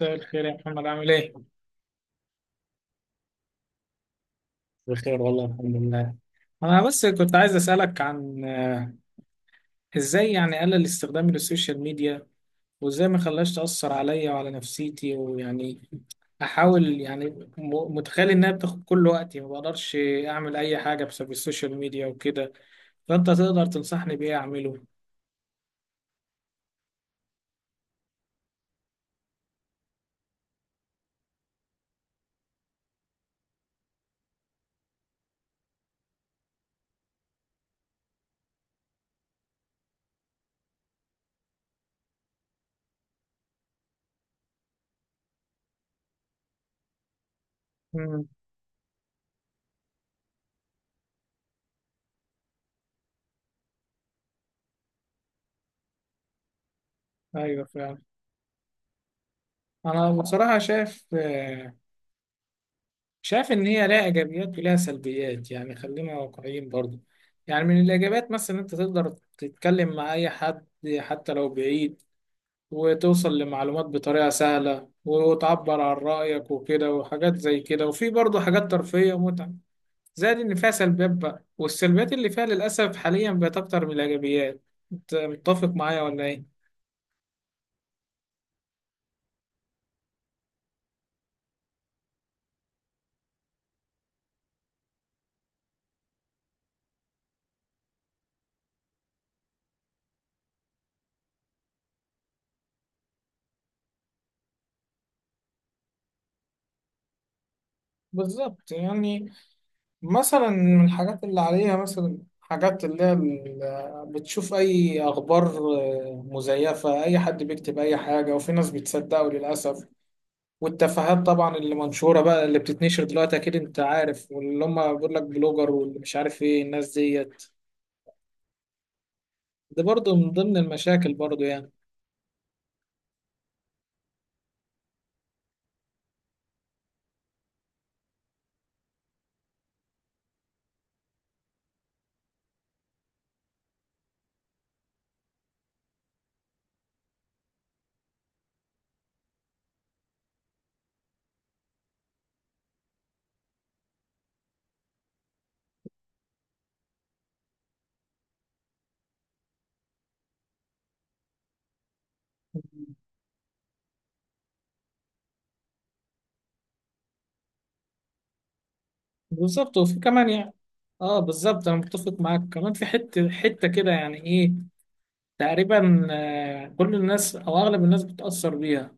مساء الخير يا محمد، عامل ايه؟ بخير والله، الحمد لله. انا بس كنت عايز اسالك عن ازاي يعني اقلل استخدامي للسوشيال ميديا، وازاي ما خلاش تاثر عليا وعلى نفسيتي، ويعني احاول يعني متخيل انها بتاخد كل وقتي، ما بقدرش اعمل اي حاجه بسبب السوشيال ميديا وكده. فانت تقدر تنصحني بايه اعمله؟ امم. ايوه فعلا. انا بصراحه شايف شايف إن هي لها إيجابيات ولها سلبيات، يعني خلينا واقعيين برضو. يعني من الإيجابيات مثلا إن أنت تقدر تتكلم مع أي حد حتى لو بعيد، وتوصل لمعلومات بطريقة سهلة، وتعبر عن رأيك وكده وحاجات زي كده، وفي برضو حاجات ترفيهية ومتعة، زائد إن فيها سلبيات بقى. والسلبيات اللي فيها للأسف حاليا بقت أكتر من الإيجابيات. أنت متفق معايا ولا إيه؟ بالظبط يعني. مثلا من الحاجات اللي عليها مثلا حاجات اللي هي بتشوف أي أخبار مزيفة، أي حد بيكتب أي حاجة وفي ناس بتصدقه للأسف. والتفاهات طبعا اللي منشورة بقى، اللي بتتنشر دلوقتي أكيد أنت عارف، واللي هم بيقول لك بلوجر واللي مش عارف إيه الناس ديت، ده برضه من ضمن المشاكل برضه يعني. بالظبط وفي كمان يعني. اه بالظبط، انا متفق معاك كمان في حته حته كده، يعني ايه تقريبا كل الناس او اغلب الناس بتاثر بيها،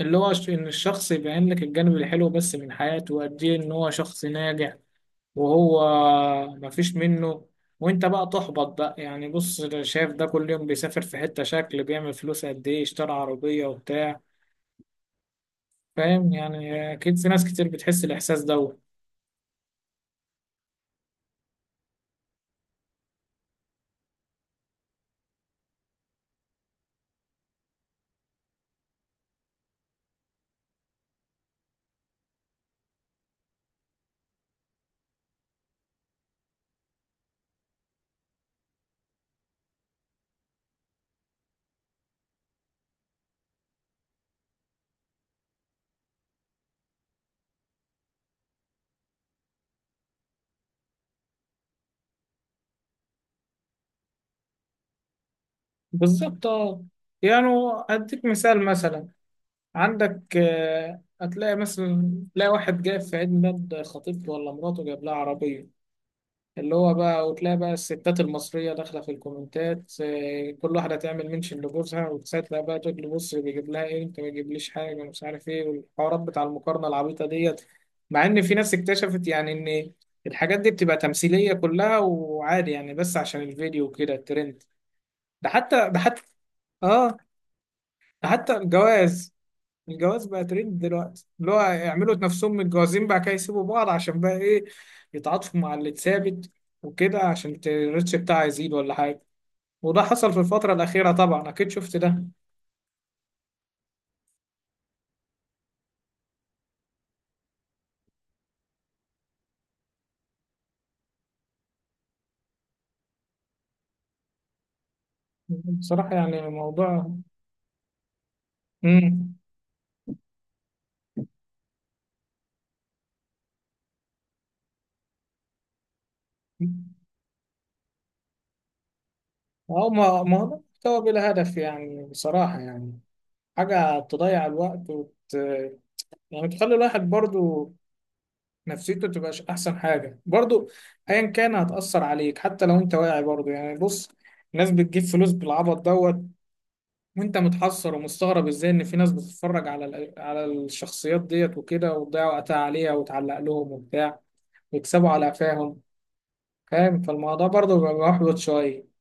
اللي هو إن الشخص يبين لك الجانب الحلو بس من حياته، وقد إيه إن هو شخص ناجح، وهو مفيش منه، وأنت بقى تحبط بقى. يعني بص ده شايف ده كل يوم بيسافر في حتة شكل، بيعمل فلوس قد إيه، اشترى عربية وبتاع. فاهم يعني؟ أكيد في ناس كتير بتحس الإحساس دوت. بالظبط أه. يعني أديك مثال مثلا، عندك هتلاقي مثلا تلاقي واحد جايب في عيد ميلاد خطيبته ولا مراته جايب لها عربية اللي هو بقى. وتلاقي بقى الستات المصرية داخلة في الكومنتات كل واحدة تعمل منشن لجوزها وتساعد بقى، تقول له بص بيجيب لها ايه، انت ما بيجيبليش حاجة، ومش عارف ايه، والحوارات بتاع المقارنة العبيطة ديت. مع ان في ناس اكتشفت يعني ان الحاجات دي بتبقى تمثيلية كلها وعادي يعني، بس عشان الفيديو وكده الترند. ده حتى اه، ده حتى الجواز. الجواز بقى ترند دلوقتي، اللي هو يعملوا نفسهم متجوزين بقى كده، يسيبوا بعض عشان بقى ايه، يتعاطفوا مع اللي اتثابت وكده، عشان الريتش بتاعه يزيد ولا حاجة. وده حصل في الفترة الأخيرة، طبعا أكيد شفت ده. بصراحة يعني موضوع. امم أو ما هو ده محتوى بلا هدف، يعني بصراحة يعني حاجة تضيع الوقت يعني تخلي الواحد برضو نفسيته تبقاش احسن حاجه برضو، ايا كان هتاثر عليك حتى لو انت واعي برضو. يعني بص ناس بتجيب فلوس بالعبط دوت، وانت متحسر ومستغرب ازاي ان في ناس بتتفرج على الشخصيات ديت وكده، وتضيع وقتها عليها وتعلق لهم وبتاع، ويكسبوا على قفاهم. فاهم؟ فالموضوع برضو بيبقى محبط شويه.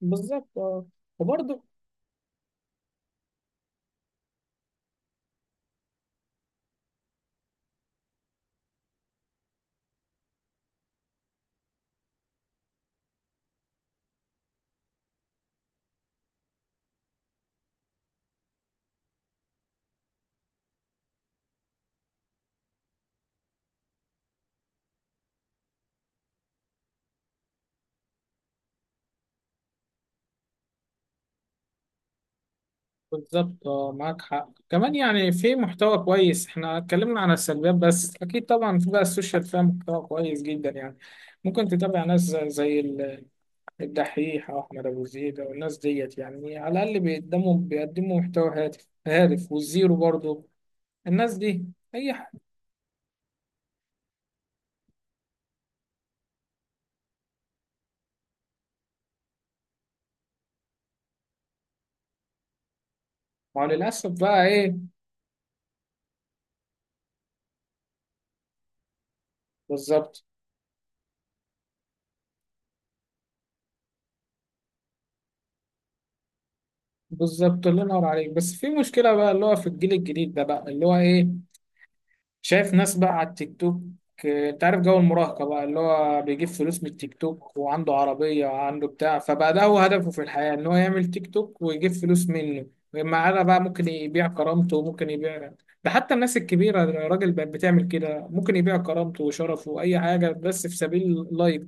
بالظبط اه. وبرضه بالظبط اه، معاك حق كمان. يعني في محتوى كويس، احنا اتكلمنا عن السلبيات، بس اكيد طبعا في بقى السوشيال فيها محتوى كويس جدا يعني. ممكن تتابع ناس زي الدحيح او احمد ابو زيد او الناس ديت، يعني على الاقل بيقدموا محتوى هادف والزيرو برضو الناس دي اي حاجه. ما هو للاسف بقى ايه. بالظبط بالظبط، الله ينور عليك. بس في مشكله بقى اللي هو في الجيل الجديد ده، بقى اللي هو ايه، شايف ناس بقى على التيك توك. انت عارف جو المراهقة بقى، اللي هو بيجيب فلوس من التيك توك وعنده عربية وعنده بتاع، فبقى ده هو هدفه في الحياة ان هو يعمل تيك توك ويجيب فلوس منه. معانا بقى ممكن يبيع كرامته وممكن يبيع، ده حتى الناس الكبيرة الراجل بقت بتعمل كده، ممكن يبيع كرامته وشرفه وأي حاجة بس في سبيل لايف،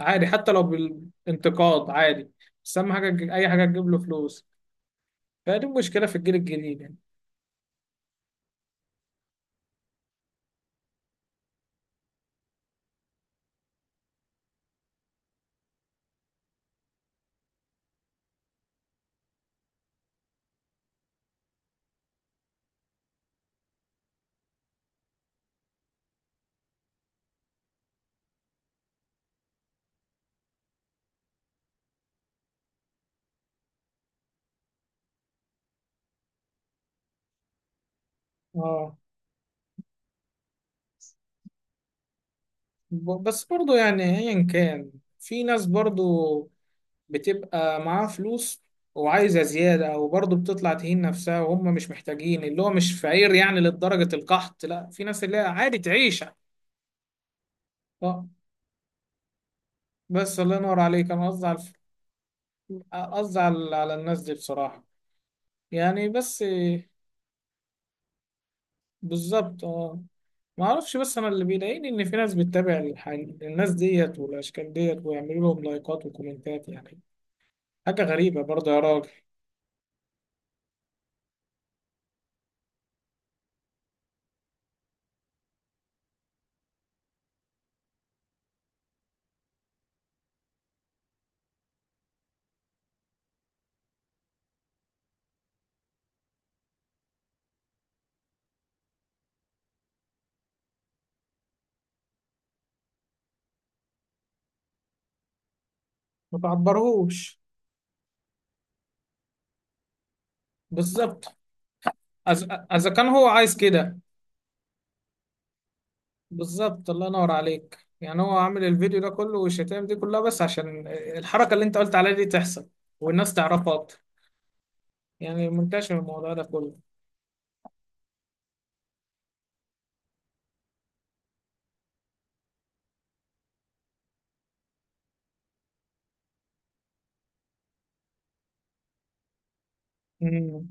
عادي حتى لو بالانتقاد عادي. بس أهم حاجة أي حاجة تجيب له فلوس. فدي مشكلة في الجيل الجديد يعني. اه بس برضو يعني ايا كان في ناس برضو بتبقى معاها فلوس وعايزة زيادة، وبرضو بتطلع تهين نفسها، وهم مش محتاجين، اللي هو مش فقير يعني لدرجة القحط، لا في ناس اللي هي عادي تعيش. اه بس الله ينور عليك، انا قصدي على الناس دي بصراحة يعني بس. بالظبط اه. ما اعرفش، بس انا اللي بيضايقني ان في ناس بتتابع الناس ديت والاشكال ديت، ويعملوا لهم لايكات وكومنتات يعني. حاجة غريبة برضه يا راجل، ما بعبرهوش. بالظبط. إذا كان هو عايز كده، بالظبط الله ينور عليك. يعني هو عامل الفيديو ده كله والشتائم دي كلها بس عشان الحركة اللي أنت قلت عليها دي تحصل، والناس تعرفها أكتر، يعني منتشر الموضوع ده كله. مم.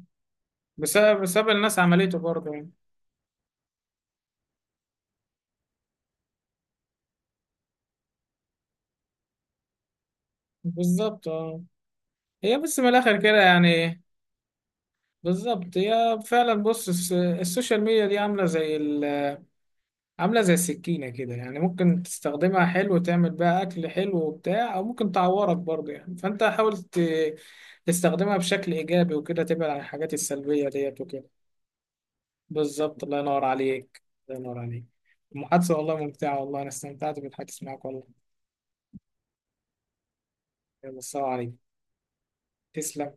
بسبب الناس عملته برضه يعني. بالظبط اه، هي بس من الآخر كده يعني. بالظبط، هي فعلا بص السوشيال ميديا دي عاملة زي السكينة كده، يعني ممكن تستخدمها حلو تعمل بيها أكل حلو وبتاع، أو ممكن تعورك برضه يعني، فأنت حاول تستخدمها بشكل إيجابي وكده، تبعد عن الحاجات السلبية ديت وكده. بالظبط الله ينور عليك، الله ينور عليك. المحادثة والله ممتعة، والله أنا استمتعت بالحديث معك والله. يلا، السلام عليكم. تسلم.